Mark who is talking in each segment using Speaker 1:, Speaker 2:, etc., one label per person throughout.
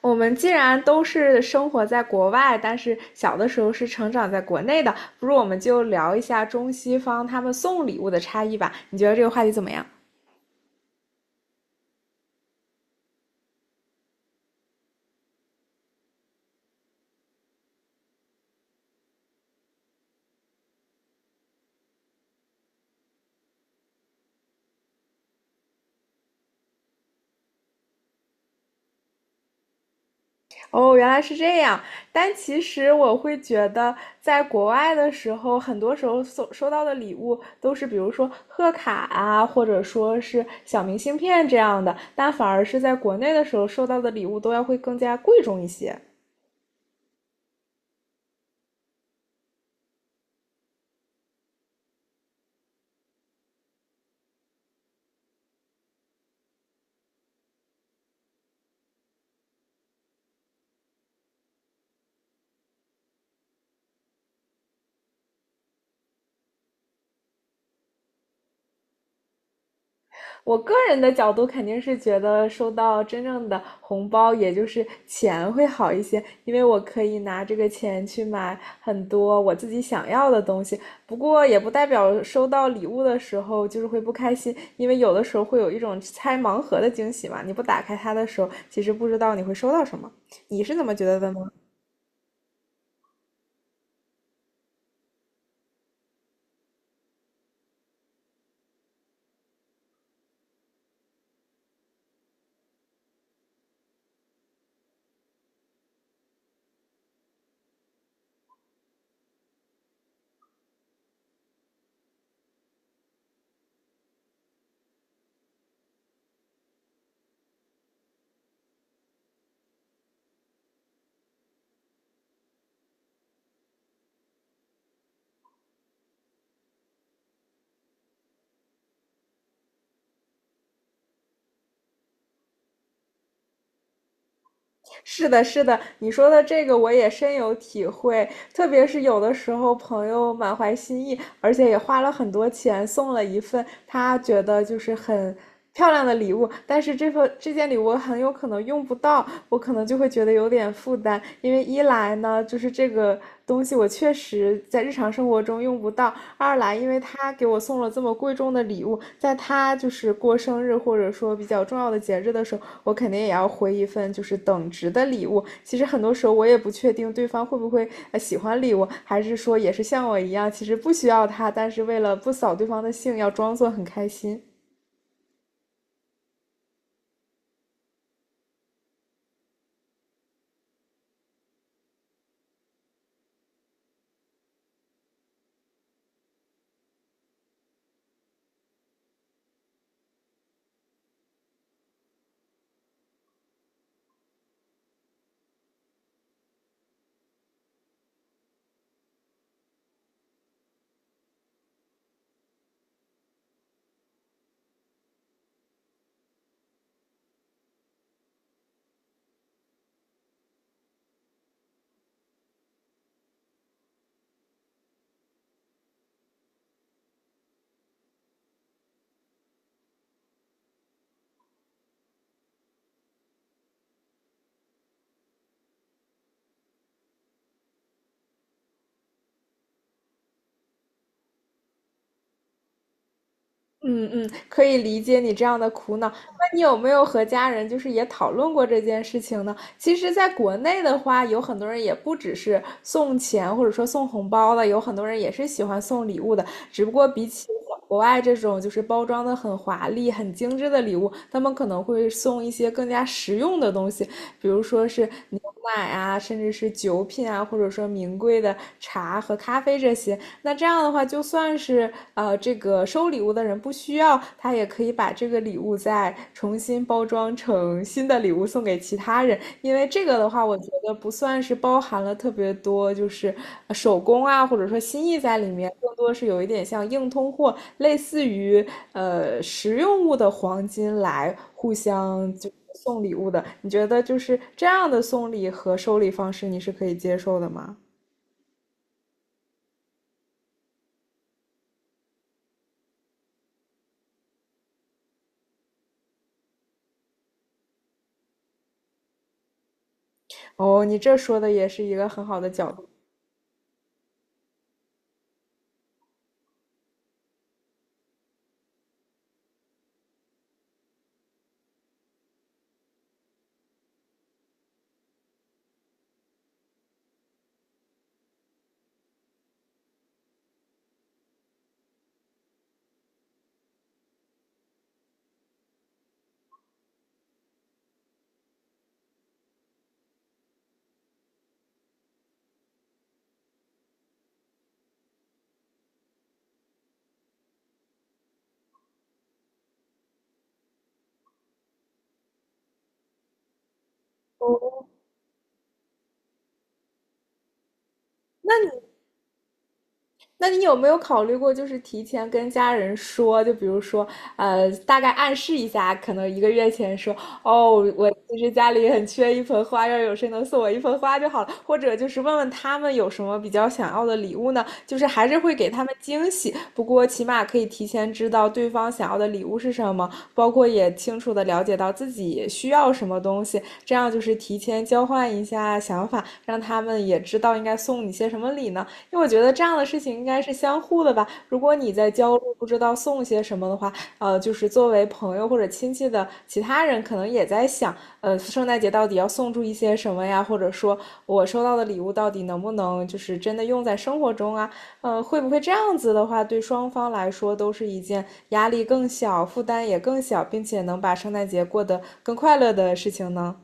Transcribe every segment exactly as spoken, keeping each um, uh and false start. Speaker 1: 我们既然都是生活在国外，但是小的时候是成长在国内的，不如我们就聊一下中西方他们送礼物的差异吧？你觉得这个话题怎么样？哦，原来是这样。但其实我会觉得，在国外的时候，很多时候收收到的礼物都是，比如说贺卡啊，或者说是小明信片这样的，但反而是在国内的时候收到的礼物都要会更加贵重一些。我个人的角度肯定是觉得收到真正的红包，也就是钱会好一些，因为我可以拿这个钱去买很多我自己想要的东西。不过也不代表收到礼物的时候就是会不开心，因为有的时候会有一种拆盲盒的惊喜嘛，你不打开它的时候，其实不知道你会收到什么。你是怎么觉得的呢？是的，是的，你说的这个我也深有体会，特别是有的时候朋友满怀心意，而且也花了很多钱送了一份他觉得就是很漂亮的礼物，但是这份这件礼物很有可能用不到，我可能就会觉得有点负担，因为一来呢，就是这个东西我确实在日常生活中用不到，二来，因为他给我送了这么贵重的礼物，在他就是过生日或者说比较重要的节日的时候，我肯定也要回一份就是等值的礼物。其实很多时候我也不确定对方会不会呃喜欢礼物，还是说也是像我一样，其实不需要他，但是为了不扫对方的兴，要装作很开心。嗯嗯，可以理解你这样的苦恼。那你有没有和家人就是也讨论过这件事情呢？其实，在国内的话，有很多人也不只是送钱或者说送红包的，有很多人也是喜欢送礼物的。只不过比起国外这种就是包装的很华丽、很精致的礼物，他们可能会送一些更加实用的东西。比如说是牛奶啊，甚至是酒品啊，或者说名贵的茶和咖啡这些。那这样的话，就算是呃这个收礼物的人不需要，他也可以把这个礼物再重新包装成新的礼物送给其他人。因为这个的话，我觉得不算是包含了特别多，就是呃手工啊，或者说心意在里面，更多是有一点像硬通货，类似于呃实用物的黄金来互相就送礼物的，你觉得就是这样的送礼和收礼方式，你是可以接受的吗？哦，你这说的也是一个很好的角度。那你有没有考虑过，就是提前跟家人说，就比如说，呃，大概暗示一下，可能一个月前说，哦，我其实家里很缺一盆花，要有谁能送我一盆花就好了，或者就是问问他们有什么比较想要的礼物呢？就是还是会给他们惊喜，不过起码可以提前知道对方想要的礼物是什么，包括也清楚的了解到自己需要什么东西，这样就是提前交换一下想法，让他们也知道应该送你些什么礼呢。因为我觉得这样的事情应该是相互的吧。如果你在焦虑不知道送些什么的话，呃，就是作为朋友或者亲戚的其他人，可能也在想，呃，圣诞节到底要送出一些什么呀？或者说我收到的礼物到底能不能就是真的用在生活中啊？呃，会不会这样子的话，对双方来说都是一件压力更小、负担也更小，并且能把圣诞节过得更快乐的事情呢？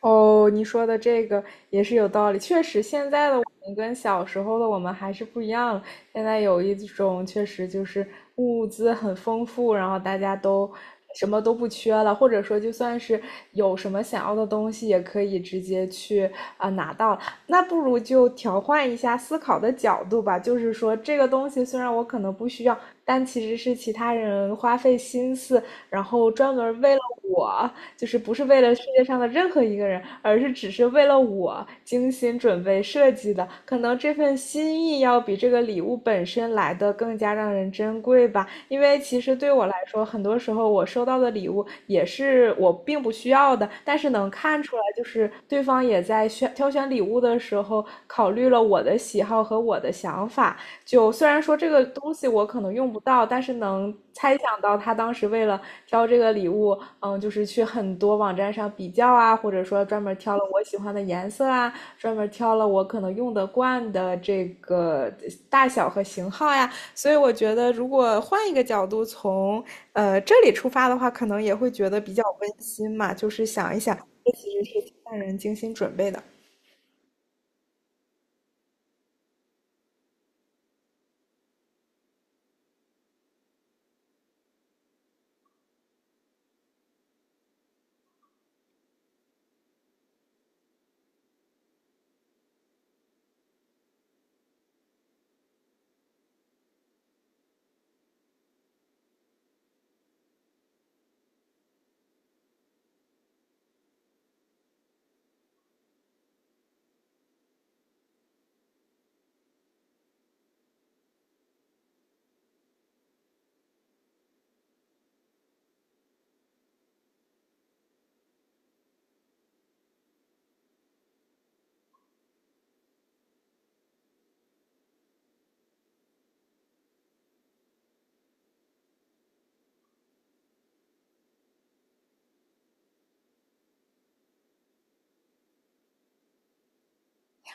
Speaker 1: 哦，你说的这个也是有道理。确实，现在的我们跟小时候的我们还是不一样了。现在有一种确实就是物资很丰富，然后大家都什么都不缺了，或者说就算是有什么想要的东西，也可以直接去啊、呃拿到。那不如就调换一下思考的角度吧，就是说这个东西虽然我可能不需要，但其实是其他人花费心思，然后专门为了我，就是不是为了世界上的任何一个人，而是只是为了我精心准备设计的。可能这份心意要比这个礼物本身来的更加让人珍贵吧。因为其实对我来说，很多时候我收到的礼物也是我并不需要的，但是能看出来，就是对方也在选挑选礼物的时候考虑了我的喜好和我的想法。就虽然说这个东西我可能用不到，但是能猜想到他当时为了挑这个礼物，嗯，就是去很多网站上比较啊，或者说专门挑了我喜欢的颜色啊，专门挑了我可能用得惯的这个大小和型号呀。所以我觉得，如果换一个角度从呃这里出发的话，可能也会觉得比较温馨嘛，就是想一想，这其实是家人精心准备的。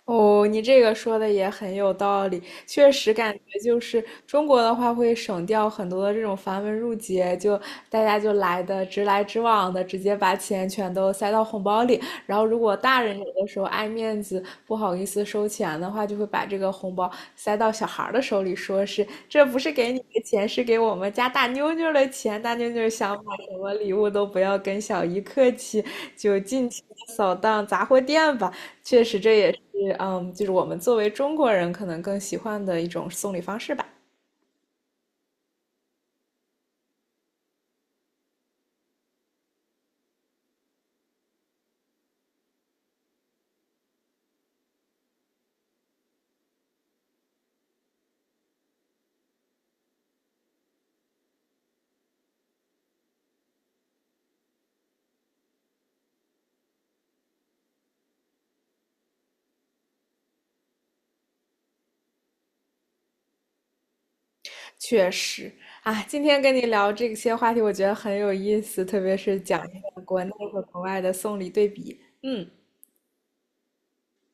Speaker 1: 哦，你这个说的也很有道理，确实感觉就是中国的话会省掉很多的这种繁文缛节，就大家就来的直来直往的，直接把钱全都塞到红包里。然后，如果大人有的时候爱面子，不好意思收钱的话，就会把这个红包塞到小孩儿的手里，说是这不是给你的钱，是给我们家大妞妞的钱。大妞妞想买什么礼物都不要跟小姨客气，就尽情的扫荡杂货店吧。确实，这也是嗯，就是我们作为中国人可能更喜欢的一种送礼方式吧。确实啊，今天跟你聊这些话题，我觉得很有意思，特别是讲一下国内和国外的送礼对比。嗯，